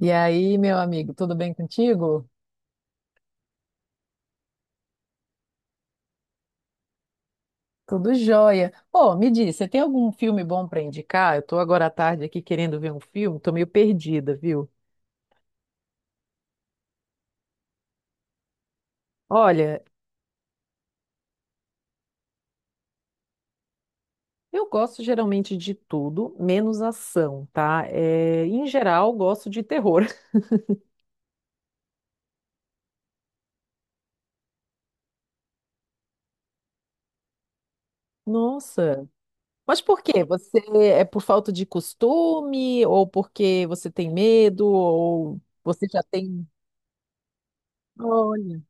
E aí, meu amigo, tudo bem contigo? Tudo jóia. Ô, me diz, você tem algum filme bom para indicar? Eu tô agora à tarde aqui querendo ver um filme, tô meio perdida, viu? Olha, eu gosto geralmente de tudo, menos ação, tá? É, em geral, gosto de terror. Nossa, mas por quê? Você é por falta de costume, ou porque você tem medo, ou você já tem. Olha.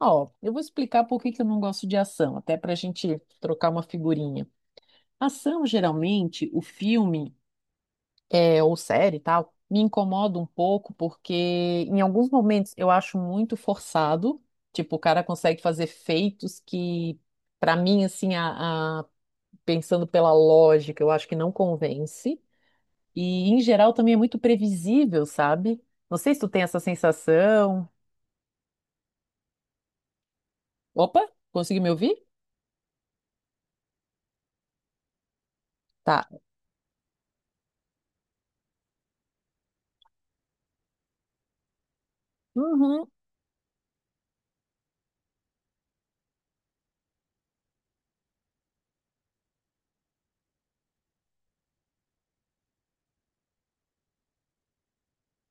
Ó, eu vou explicar por que que eu não gosto de ação, até para a gente trocar uma figurinha. Ação, geralmente, o filme é, ou série e tal, me incomoda um pouco porque em alguns momentos eu acho muito forçado. Tipo, o cara consegue fazer feitos que, pra mim, assim, pensando pela lógica, eu acho que não convence. E, em geral, também é muito previsível, sabe? Não sei se tu tem essa sensação. Opa, consegui me ouvir? Tá. Uhum.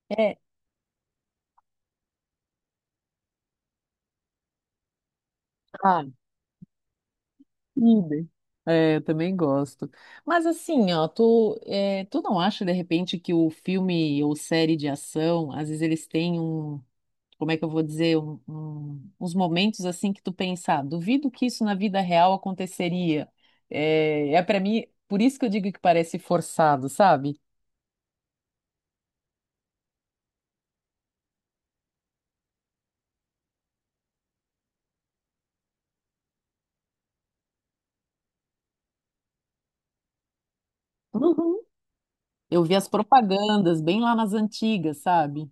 É. Ah, idem. É, eu também gosto. Mas assim, ó, tu, é, tu não acha de repente que o filme ou série de ação, às vezes eles têm um, como é que eu vou dizer, uns momentos assim que tu pensa, "Ah, duvido que isso na vida real aconteceria." É, é para mim, por isso que eu digo que parece forçado, sabe? Uhum. Eu vi as propagandas bem lá nas antigas, sabe?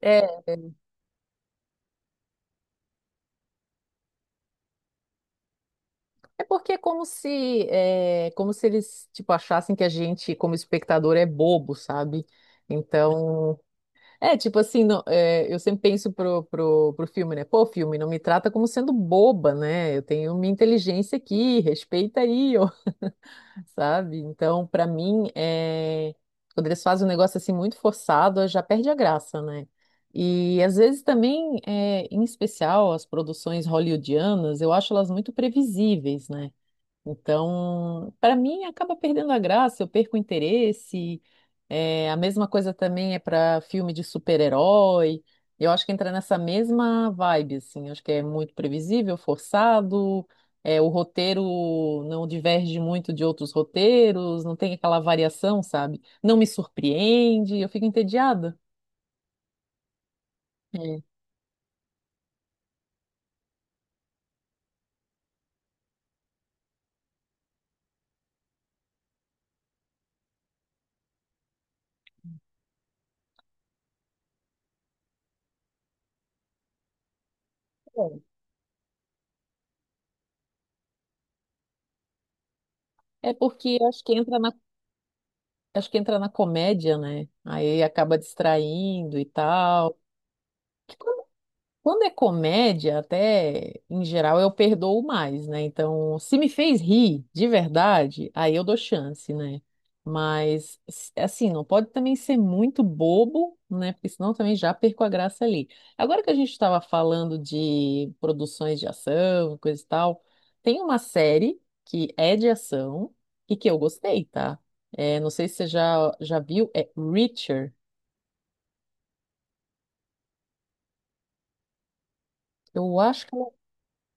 É. É porque é, como se eles, tipo, achassem que a gente, como espectador, é bobo, sabe? Então, é, tipo assim, não- é, eu sempre penso pro filme, né? Pô, filme, não me trata como sendo boba, né? Eu tenho minha inteligência aqui, respeita aí, ó, sabe? Então, pra mim, é, quando eles fazem um negócio assim muito forçado, já perde a graça, né? E às vezes também, é, em especial, as produções hollywoodianas, eu acho elas muito previsíveis, né? Então, para mim, acaba perdendo a graça, eu perco o interesse. É, a mesma coisa também é para filme de super-herói. Eu acho que entra nessa mesma vibe, assim. Acho que é muito previsível, forçado. É, o roteiro não diverge muito de outros roteiros, não tem aquela variação, sabe? Não me surpreende, eu fico entediada. É. É porque acho que entra na, acho que entra na comédia, né? Aí acaba distraindo e tal. Quando é comédia, até em geral eu perdoo mais, né? Então, se me fez rir de verdade, aí eu dou chance, né? Mas s- assim, não pode também ser muito bobo, né? Porque senão também já perco a graça ali. Agora que a gente estava falando de produções de ação, coisa e tal, tem uma série que é de ação e que eu gostei, tá? É, não sei se você já viu, é Reacher. Eu acho que é.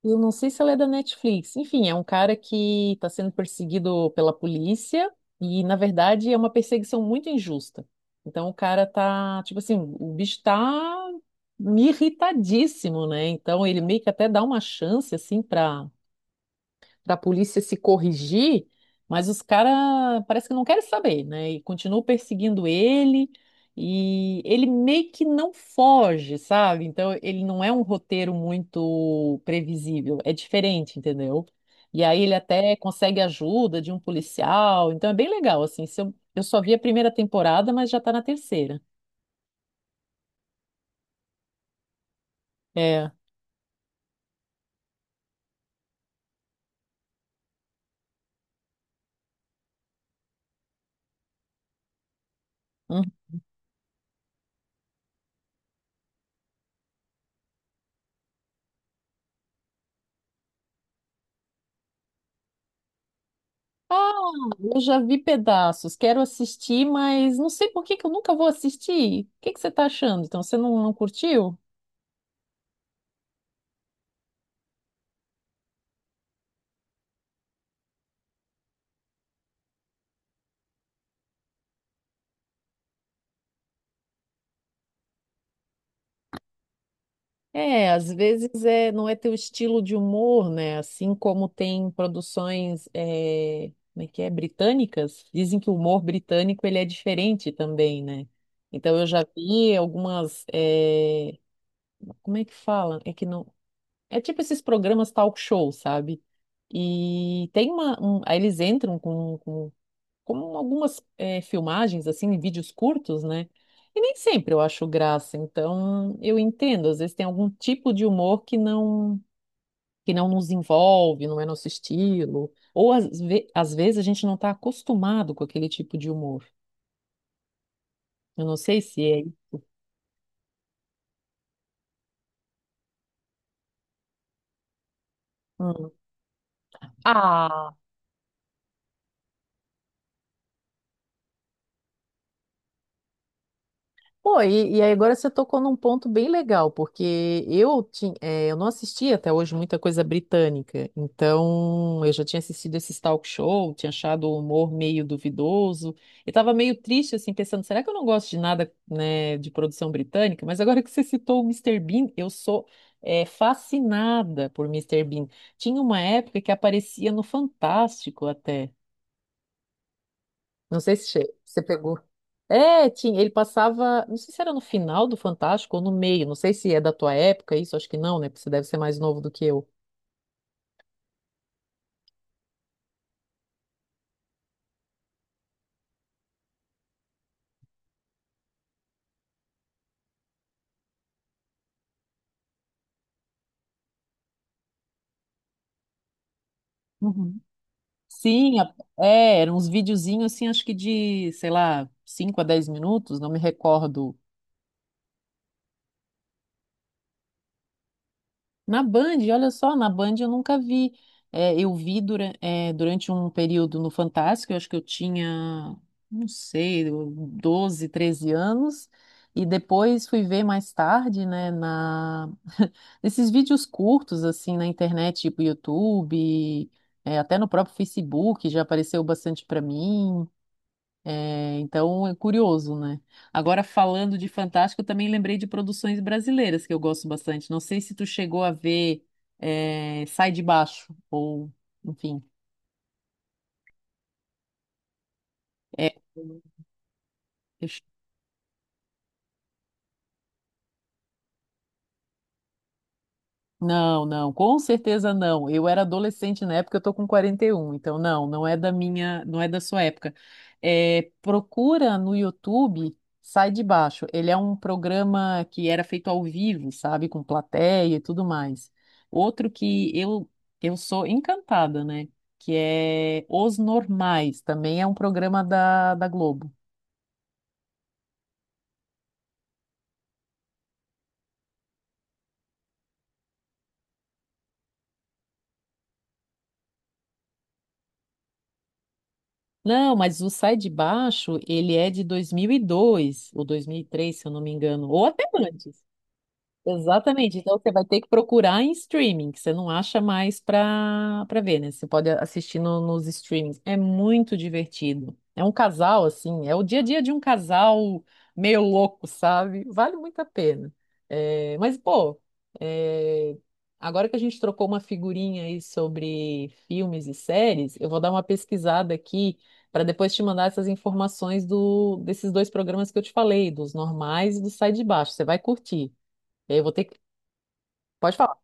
Eu não sei se ela é da Netflix. Enfim, é um cara que está sendo perseguido pela polícia e, na verdade, é uma perseguição muito injusta. Então, o cara tá, tipo assim, o bicho tá irritadíssimo, né? Então, ele meio que até dá uma chance, assim, para a polícia se corrigir, mas os caras parece que não querem saber, né? E continuam perseguindo ele, e ele meio que não foge, sabe? Então ele não é um roteiro muito previsível, é diferente, entendeu? E aí ele até consegue ajuda de um policial, então é bem legal, assim. Se eu só vi a primeira temporada, mas já tá na terceira. É. Hum. Eu já vi pedaços, quero assistir, mas não sei por que que eu nunca vou assistir. O que que você está achando? Então, você não, não curtiu? É, às vezes é, não é teu estilo de humor, né? Assim como tem produções, é, como é que é, britânicas, dizem que o humor britânico ele é diferente também, né? Então eu já vi algumas, é, como é que fala? É que não, é tipo esses programas talk show, sabe? E tem uma, um- aí eles entram com como algumas filmagens, assim, vídeos curtos, né? E nem sempre eu acho graça, então eu entendo, às vezes tem algum tipo de humor que não nos envolve, não é nosso estilo, ou às, ve- às vezes a gente não está acostumado com aquele tipo de humor. Eu não sei se é. Hum. Ah! Pô, e aí agora você tocou num ponto bem legal, porque eu, tinha, eu não assisti até hoje muita coisa britânica, então eu já tinha assistido esse talk show, tinha achado o humor meio duvidoso, e tava meio triste, assim, pensando, será que eu não gosto de nada, né, de produção britânica? Mas agora que você citou o Mr. Bean, eu sou, é, fascinada por Mister Bean. Tinha uma época que aparecia no Fantástico até. Não sei se che- você pegou. É, tinha, ele passava, não sei se era no final do Fantástico ou no meio, não sei se é da tua época isso, acho que não, né? Porque você deve ser mais novo do que eu. Uhum. Sim, a- é, eram uns videozinhos assim, acho que de, sei lá, 5 a 10 minutos, não me recordo. Na Band, olha só, na Band eu nunca vi. É, eu vi dura- é, durante um período no Fantástico, eu acho que eu tinha, não sei, 12, 13 anos, e depois fui ver mais tarde, né, na... nesses vídeos curtos, assim, na internet, tipo YouTube, é, até no próprio Facebook já apareceu bastante para mim. É, então é curioso, né? Agora, falando de fantástico, eu também lembrei de produções brasileiras que eu gosto bastante. Não sei se tu chegou a ver é, Sai de Baixo, ou enfim. É, eu não, não, com certeza não. Eu era adolescente na época, eu tô com 41, então não, não é da minha, não é da sua época. É, procura no YouTube, sai de baixo. Ele é um programa que era feito ao vivo, sabe, com plateia e tudo mais. Outro que eu sou encantada, né? Que é Os Normais, também é um programa da, da Globo. Não, mas o Sai de Baixo, ele é de 2002 ou 2003, se eu não me engano, ou até antes. Exatamente. Então você vai ter que procurar em streaming, que você não acha mais para ver, né? Você pode assistir no- nos streamings. É muito divertido. É um casal, assim, é o dia a dia de um casal meio louco, sabe? Vale muito a pena. É, mas, pô, é, agora que a gente trocou uma figurinha aí sobre filmes e séries, eu vou dar uma pesquisada aqui para depois te mandar essas informações do, desses dois programas que eu te falei, dos normais e do Sai de Baixo. Você vai curtir. E aí eu vou ter que. Pode falar.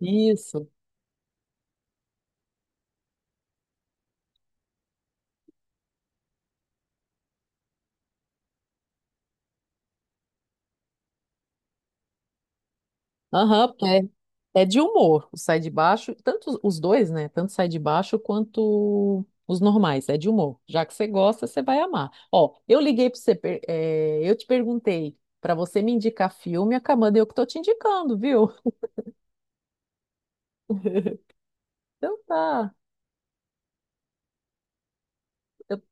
Isso. Aham, porque é, é de humor. O Sai de Baixo, tanto os dois, né? Tanto Sai de Baixo quanto os normais. É de humor. Já que você gosta, você vai amar. Ó, eu liguei pra você, per- é, eu te perguntei pra você me indicar filme, acabando eu que tô te indicando, viu? Então tá. Eu-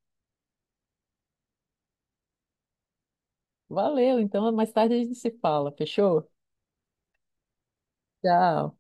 valeu. Então mais tarde a gente se fala. Fechou? Tchau.